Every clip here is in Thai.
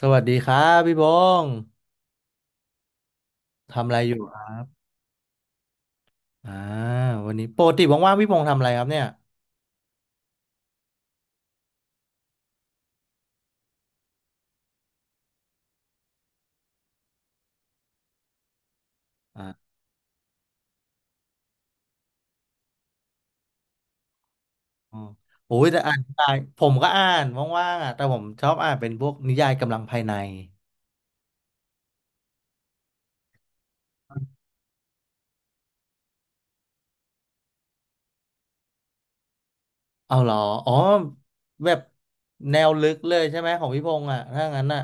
สวัสดีครับพี่บงษ์ทำอะไรอยู่ครับอ่าวันนี้ปกติว่างๆพี่บงษ์ทำอะไรครับเนี่ยอ่าอ๋อโอ้ยแต่อ่านนิยายผมก็อ่านว่างๆอ่ะแต่ผมชอบอ่านเป็นพวกนิยายกำลังภายในเอาเหรออ๋อแบบแนวลึกเลยใช่ไหมของพี่พงษ์อ่ะถ้างั้นอ่ะ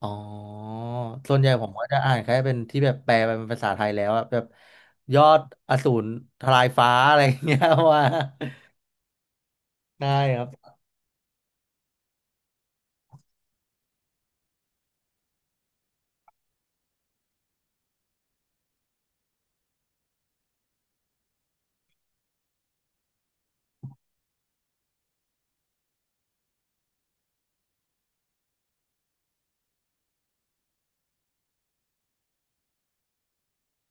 อ๋อส่วนใหญ่ผมก็จะอ่านแค่เป็นที่แบบแปลเป็นภาษาไทยแล้วอ่ะแบบยอดอสูรทลายฟ้าอะไรอย่างเงี้ย ว่า ได้ครับ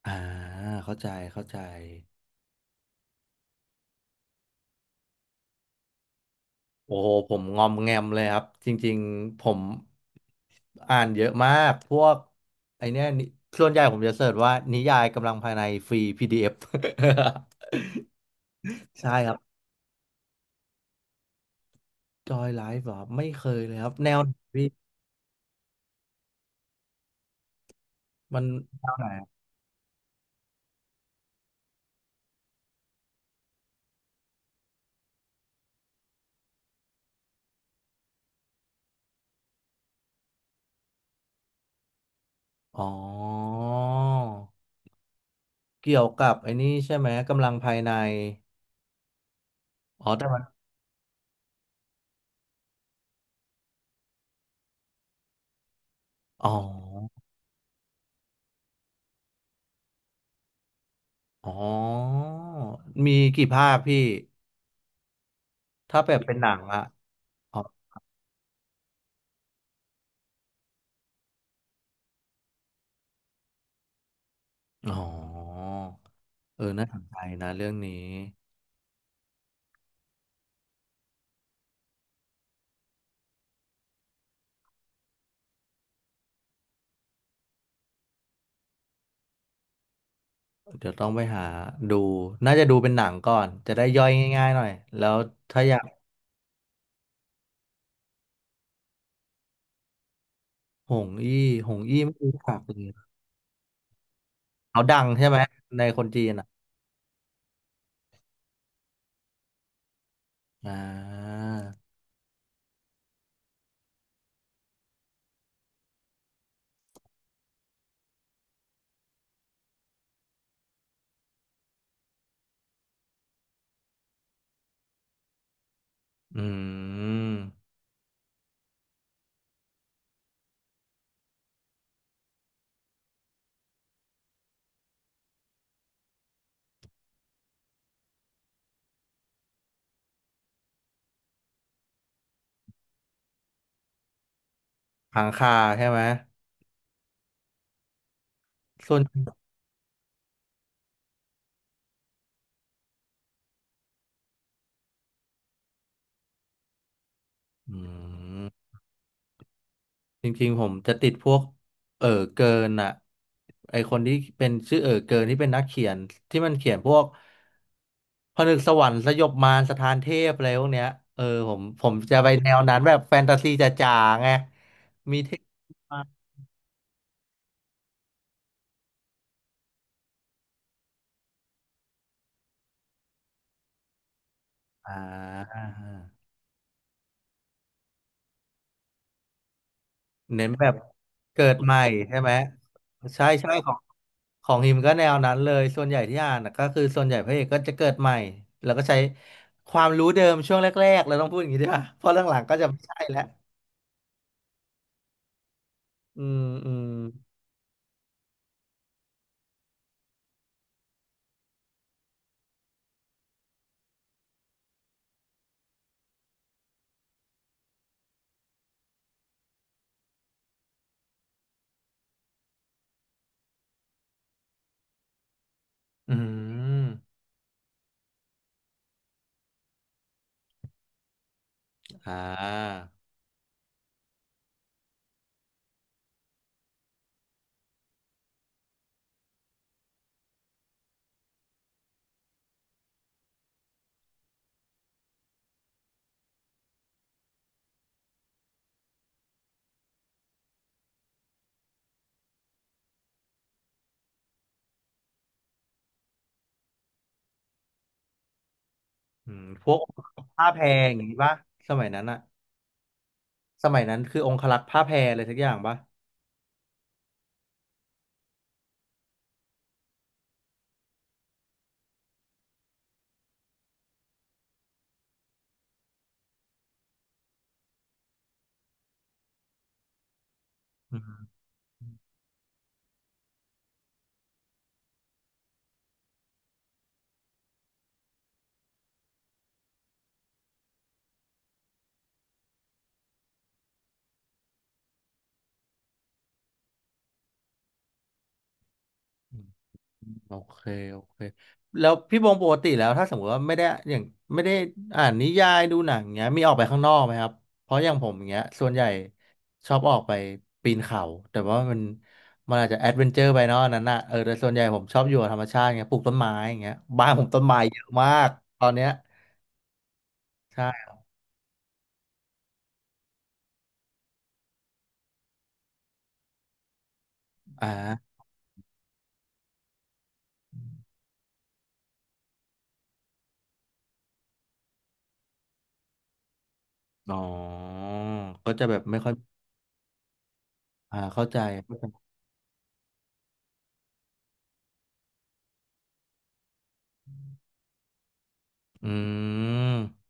อ่าเข้าใจเข้าใจ โอ้โหผมงอมแงมเลยครับจริงๆผมอ่านเยอะมากพวกไอเนี้ยนิส่วนใหญ่ผมจะเสิร์ชว่านิยายกำลังภายในฟรี PDF ใช่ครับจอยไลฟ์เหรอครับไม่เคยเลยครับแนวไหนพี่มันแนวไหนอะอ๋อเกี่ยวกับไอ้นี่ใช่ไหมกำลังภายในอ๋อแต่มันอ๋ออ๋อมีกี่ภาคพี่ถ้าแบบเป็นหนังอะ อ๋อเออน่าสนใจนะเรื่องนี้เดี๋ยวต้องไปหาดูน่าจะดูเป็นหนังก่อน จะได้ย่อยง่ายๆหน่อย แล้วถ้าอยากหงอี้หงอี้ไม่รู้จักเลยเขาดังใช่ไหมในคนจีนอ่ะอ่าอืมหางคาใช่ไหม ส่วนอืม จริงๆผมจะติดพวกเออเกินอ่ะไอคนที่เป็นชื่อเกินที่เป็นนักเขียนที่มันเขียนพวกผนึกสวรรค์สยบมารสถานเทพอะไรพวกเนี้ยเออผมจะไปแนวนั้นแบบแฟนตาซีจ๋าๆไงมีเทพมากอ่า เน้นแบบเกิดใหม่ใช่ไหมใช่ใช่ของฮิมก็แนวนั้นเลยส่วนใหญ่ที่อ่านน่ะก็คือส่วนใหญ่พระเอกก็จะเกิดใหม่แล้วก็ใช้ความรู้เดิมช่วงแรกๆเราต้องพูดอย่างนี้ด้วยเพราะหลังๆก็จะไม่ใช่แล้วอืมอืมอืมอ่าอืมพวกผ้าแพรอย่างนี้ป่ะสมัยนั้นอะสมัยนั้นคือองครักษ์ผ้าแพรอะไรสักอย่างป่ะอืม โอเคโอเคแล้วพี่บงปกติแล้วถ้าสมมติว่าไม่ได้อย่างไม่ได้อ่านนิยายดูหนังเงี้ยมีออกไปข้างนอกไหมครับเพราะอย่างผมอย่างเงี้ยส่วนใหญ่ชอบออกไปปีนเขาแต่ว่ามันอาจจะแอดเวนเจอร์ไปเนาะอันนั้นน่ะเออแต่ส่วนใหญ่ผมชอบอยู่กับธรรมชาติเงี้ยปลูกต้นไม้อย่างเงี้ยบ้านผมต้นไม้เยอะมากตอนเนี้ยใช่อ่าอ๋อ ก็จะแบบไม่ค่อยเข้าใจอืม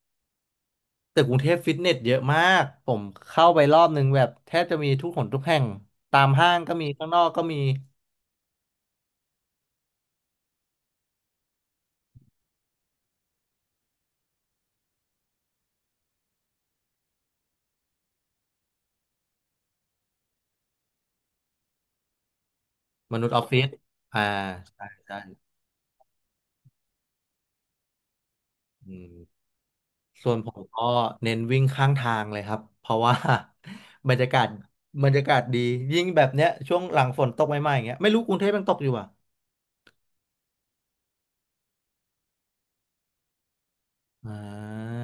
แต่กรุงเทพฟิตเนสเยอะมาก ผมเข้าไปรอบนึงแบบแทบจะมีทุกหนทุกแห่งตามห้างก็มีข้างนอกก็มีมนุษย์ออฟฟิศอ่าใช่ใช่อืมส่วนผมก็เน้นวิ่งข้างทางเลยครับเพราะว่า บรรยากาศบรรยากาศดียิ่งแบบเนี้ยช่วงหลังฝนตกใหม่ๆอย่างเงี้ยไม่รู้กรุงเทพยังตกอยู่อ่ะอ่า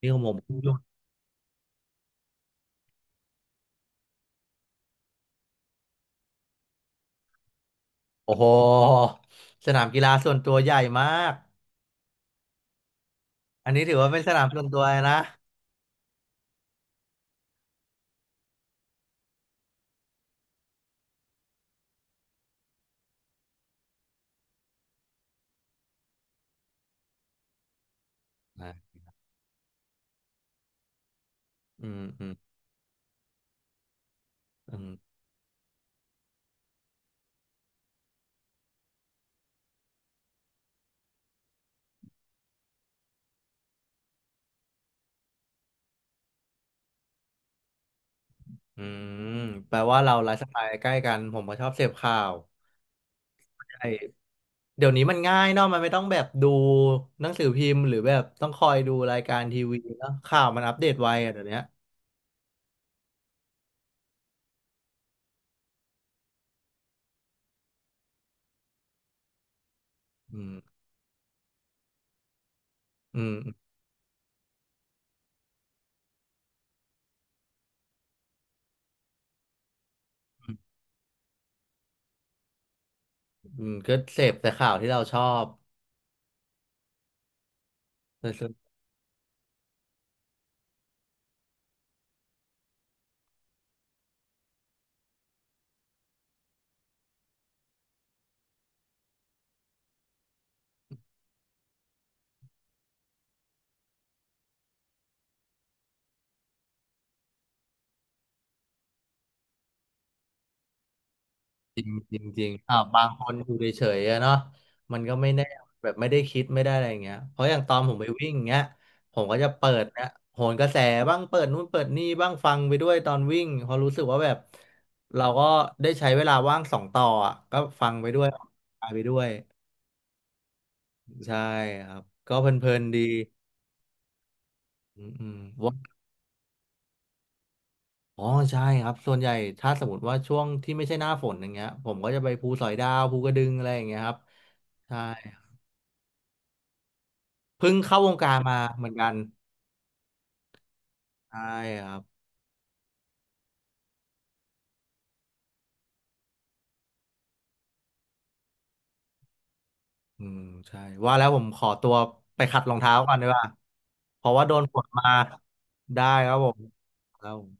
นี่ของผมเพิ่งหยุดโอ้โหสนามกีฬาส่วนตัวใหญ่มากอันนี้ถือว่าเป็นสนามส่วนตัวเลยนะนะอืมอืมอืม อืมแปลว่าเราไลฟ์สไตล์ใกล้กันผมก็ชอบเสพข่าวใช่เดี๋ยวนี้มันง่ายเนาะมันไม่ต้องแบบดูหนังสือพิมพ์หรือแบบต้องคอยดูรายการทีวีเนาะข่าวมันอัปเดตไวอะเดี๋ยวเนี้ยอืมอืมอืมอืมก็เสพแต่ข่าวที่เราชอบ จริงจริงจริงบางคนอยู่เฉยๆอะเนาะมันก็ไม่แน่แบบไม่ได้คิดไม่ได้อะไรอย่างเงี้ยเพราะอย่างตอนผมไปวิ่งอย่างเงี้ยผมก็จะเปิดนะโหนกระแสบ้างเปิดนู่นเปิดนี่บ้างฟังไปด้วยตอนวิ่งเพอราะรู้สึกว่าแบบเราก็ได้ใช้เวลาว่างสองต่ออะก็ฟังไปด้วยออกกำลังกายไปด้วยใช่ครับก็เพลินๆดีอืมอืมว่าอ๋อใช่ครับส่วนใหญ่ถ้าสมมติว่าช่วงที่ไม่ใช่หน้าฝนอย่างเงี้ยผมก็จะไปภูสอยดาวภูกระดึงอะไรอย่างเงี้ยครับใช่ เพิ่งเข้าวงการมาเหมือนกันใช่ครับอืมใช่ว่าแล้วผมขอตัวไปขัดรองเท้าก่อนดีกว่าเพราะว่าโดนฝนมาได้ครับผมครับผม